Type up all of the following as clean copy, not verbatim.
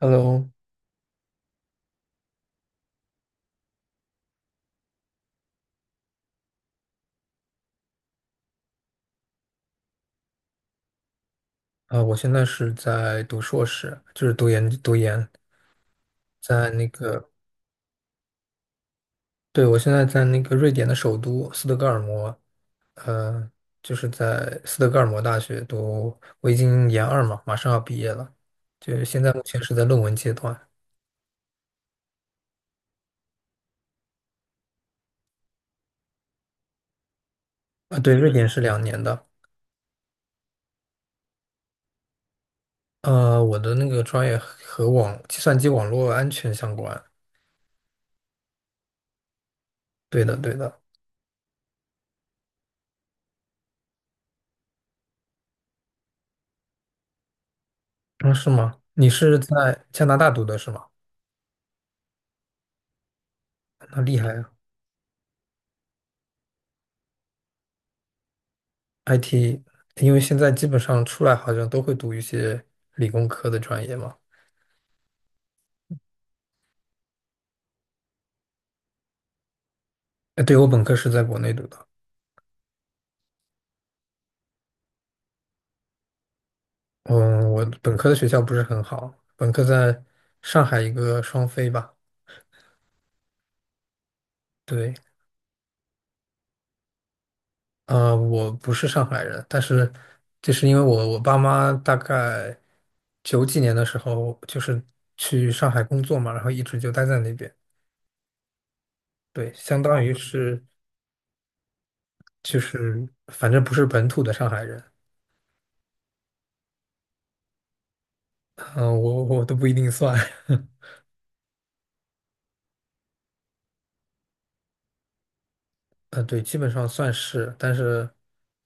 Hello。我现在是在读硕士，就是读研，在那个，对，我现在在那个瑞典的首都斯德哥尔摩，呃，就是在斯德哥尔摩大学读，我已经研二嘛，马上要毕业了，就是现在目前是在论文阶段。对，瑞典是2年的。我的那个专业和计算机网络安全相关。对的，对的。嗯，是吗？你是在加拿大读的是吗？那厉害啊。 IT，因为现在基本上出来好像都会读一些理工科的专业嘛。哎，对，我本科是在国内读的。嗯，我本科的学校不是很好，本科在上海一个双非吧。对。我不是上海人，但是就是因为我爸妈大概九几年的时候就是去上海工作嘛，然后一直就待在那边。对，相当于是就是反正不是本土的上海人。嗯、我都不一定算。对，基本上算是，但是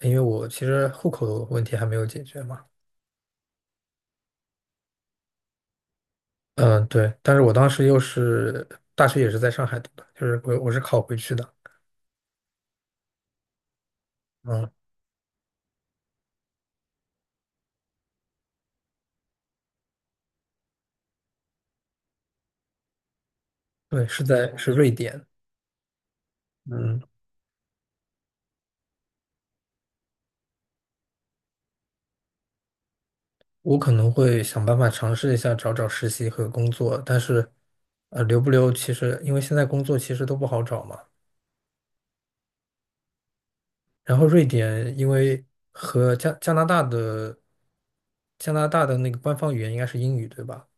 因为我其实户口的问题还没有解决嘛。嗯，对，但是我当时又是大学也是在上海读的，就是我是考回去的。嗯，对，是瑞典。嗯，我可能会想办法尝试一下找找实习和工作，但是留不留其实因为现在工作其实都不好找嘛。然后瑞典因为和加加拿大的加拿大的那个官方语言应该是英语，对吧？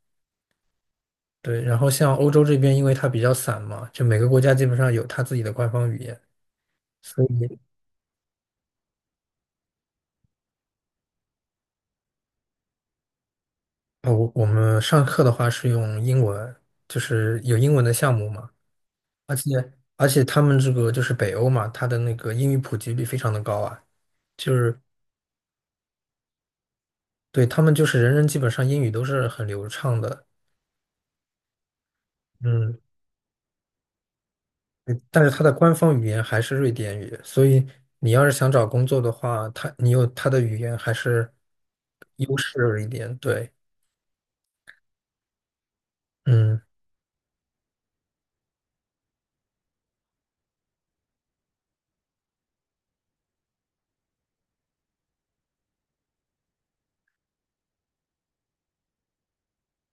对，然后像欧洲这边，因为它比较散嘛，就每个国家基本上有它自己的官方语言，所以哦，我们上课的话是用英文，就是有英文的项目嘛。而且他们这个就是北欧嘛，它的那个英语普及率非常的高啊。就是对他们就是人人基本上英语都是很流畅的。嗯，对但是它的官方语言还是瑞典语，所以你要是想找工作的话，它你有它的语言还是优势一点，对。嗯。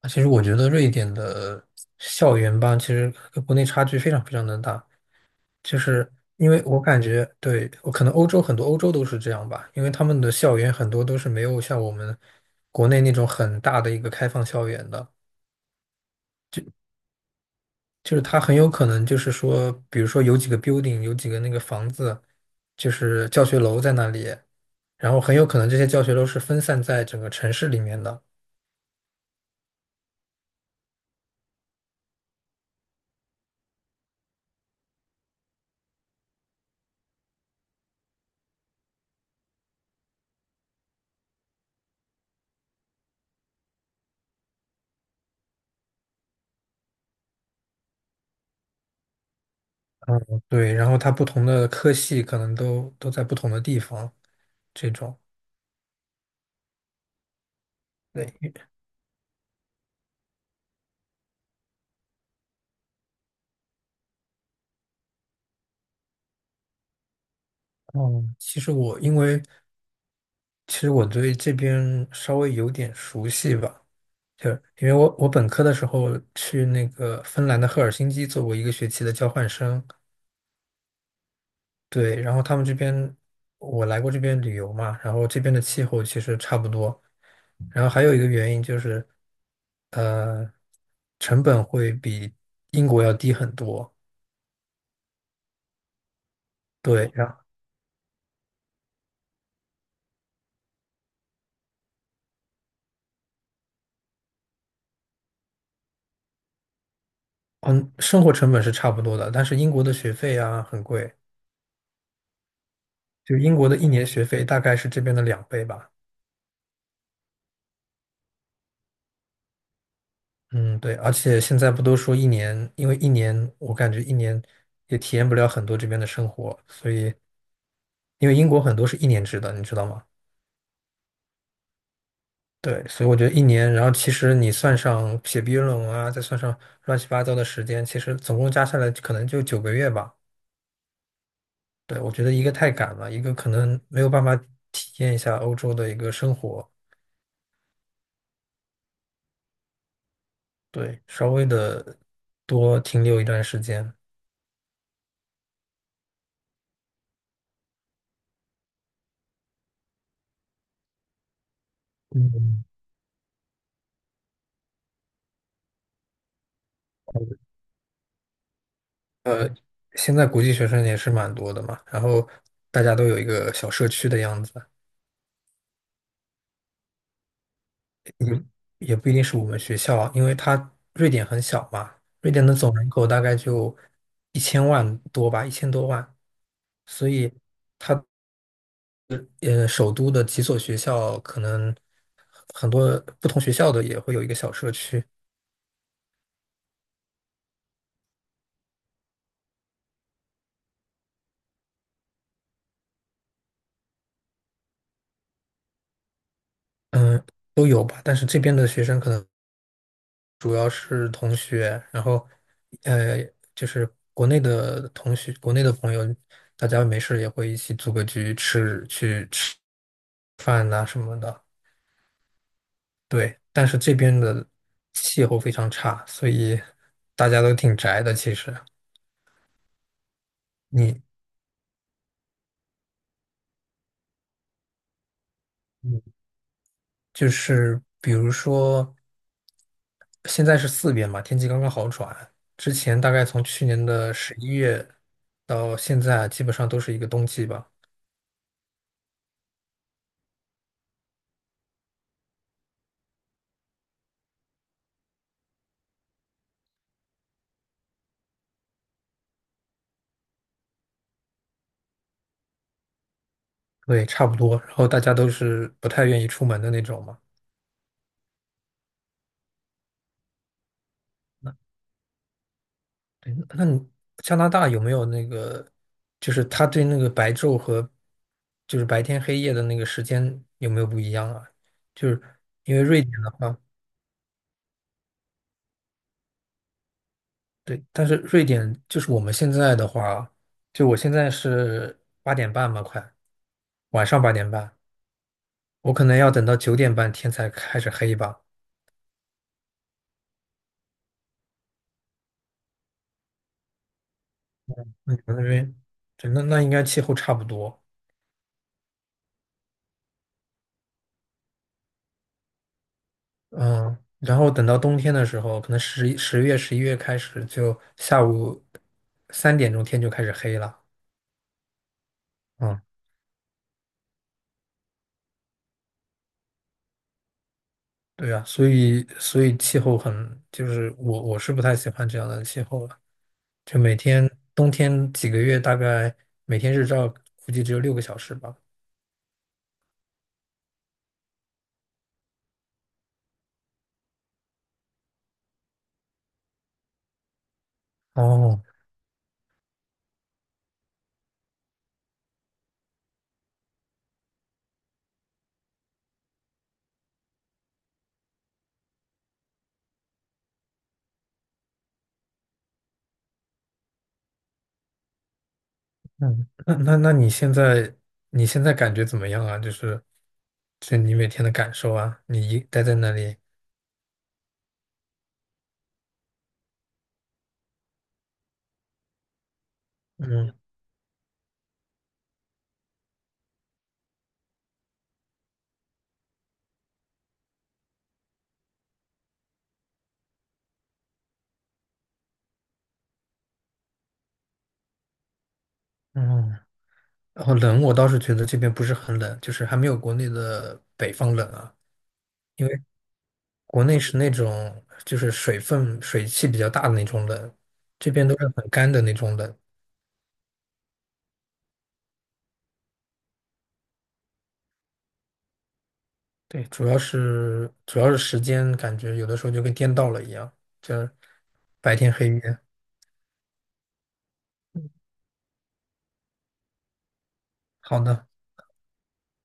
其实我觉得瑞典的校园吧，其实跟国内差距非常非常的大。就是因为我感觉，对，我可能欧洲很多欧洲都是这样吧，因为他们的校园很多都是没有像我们国内那种很大的一个开放校园的。就是它很有可能就是说，比如说有几个 building,有几个那个房子，就是教学楼在那里，然后很有可能这些教学楼是分散在整个城市里面的。嗯，对，然后它不同的科系可能都在不同的地方。这种。对。嗯，其实我因为其实我对这边稍微有点熟悉吧。就因为我本科的时候去那个芬兰的赫尔辛基做过一个学期的交换生。对，然后他们这边我来过这边旅游嘛，然后这边的气候其实差不多。然后还有一个原因就是，呃，成本会比英国要低很多。对，然后嗯，生活成本是差不多的，但是英国的学费啊很贵。就英国的一年学费大概是这边的2倍吧。嗯，对，而且现在不都说一年，因为一年我感觉一年也体验不了很多这边的生活，所以因为英国很多是一年制的，你知道吗？对，所以我觉得一年，然后其实你算上写毕业论文啊，再算上乱七八糟的时间，其实总共加下来可能就9个月吧。对，我觉得一个太赶了，一个可能没有办法体验一下欧洲的一个生活。对，稍微的多停留一段时间。嗯。呃，现在国际学生也是蛮多的嘛，然后大家都有一个小社区的样子。也也不一定是我们学校啊因为它瑞典很小嘛，瑞典的总人口大概就1000万多吧，1000多万，所以首都的几所学校可能很多不同学校的也会有一个小社区。嗯，都有吧，但是这边的学生可能。主要是同学，然后呃，就是国内的同学，国内的朋友，大家没事也会一起组个局吃，去吃饭呐、什么的。对，但是这边的气候非常差，所以大家都挺宅的。其实你嗯就是比如说，现在是4月嘛，天气刚刚好转，之前大概从去年的十一月到现在，基本上都是一个冬季吧。对，差不多。然后大家都是不太愿意出门的那种嘛。那对，那你加拿大有没有那个，就是他对那个白昼和就是白天黑夜的那个时间有没有不一样啊？就是因为瑞典的话，对，但是瑞典就是我们现在的话，就我现在是八点半嘛，快晚上八点半，我可能要等到9点半天才开始黑吧。那你们那边，对，那应该气候差不多。嗯，然后等到冬天的时候，可能10月、十一月开始，就下午3点钟天就开始黑了。嗯，所以气候很，就是我是不太喜欢这样的气候了。就每天冬天几个月，大概每天日照估计只有6个小时吧。哦，嗯，那你现在感觉怎么样啊？就是就你每天的感受啊，你一待在那里，嗯嗯。然后冷，我倒是觉得这边不是很冷，就是还没有国内的北方冷啊。因为国内是那种就是水分、水汽比较大的那种冷，这边都是很干的那种冷。对，主要是时间，感觉有的时候就跟颠倒了一样，这白天黑夜。好的，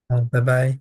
嗯，拜拜。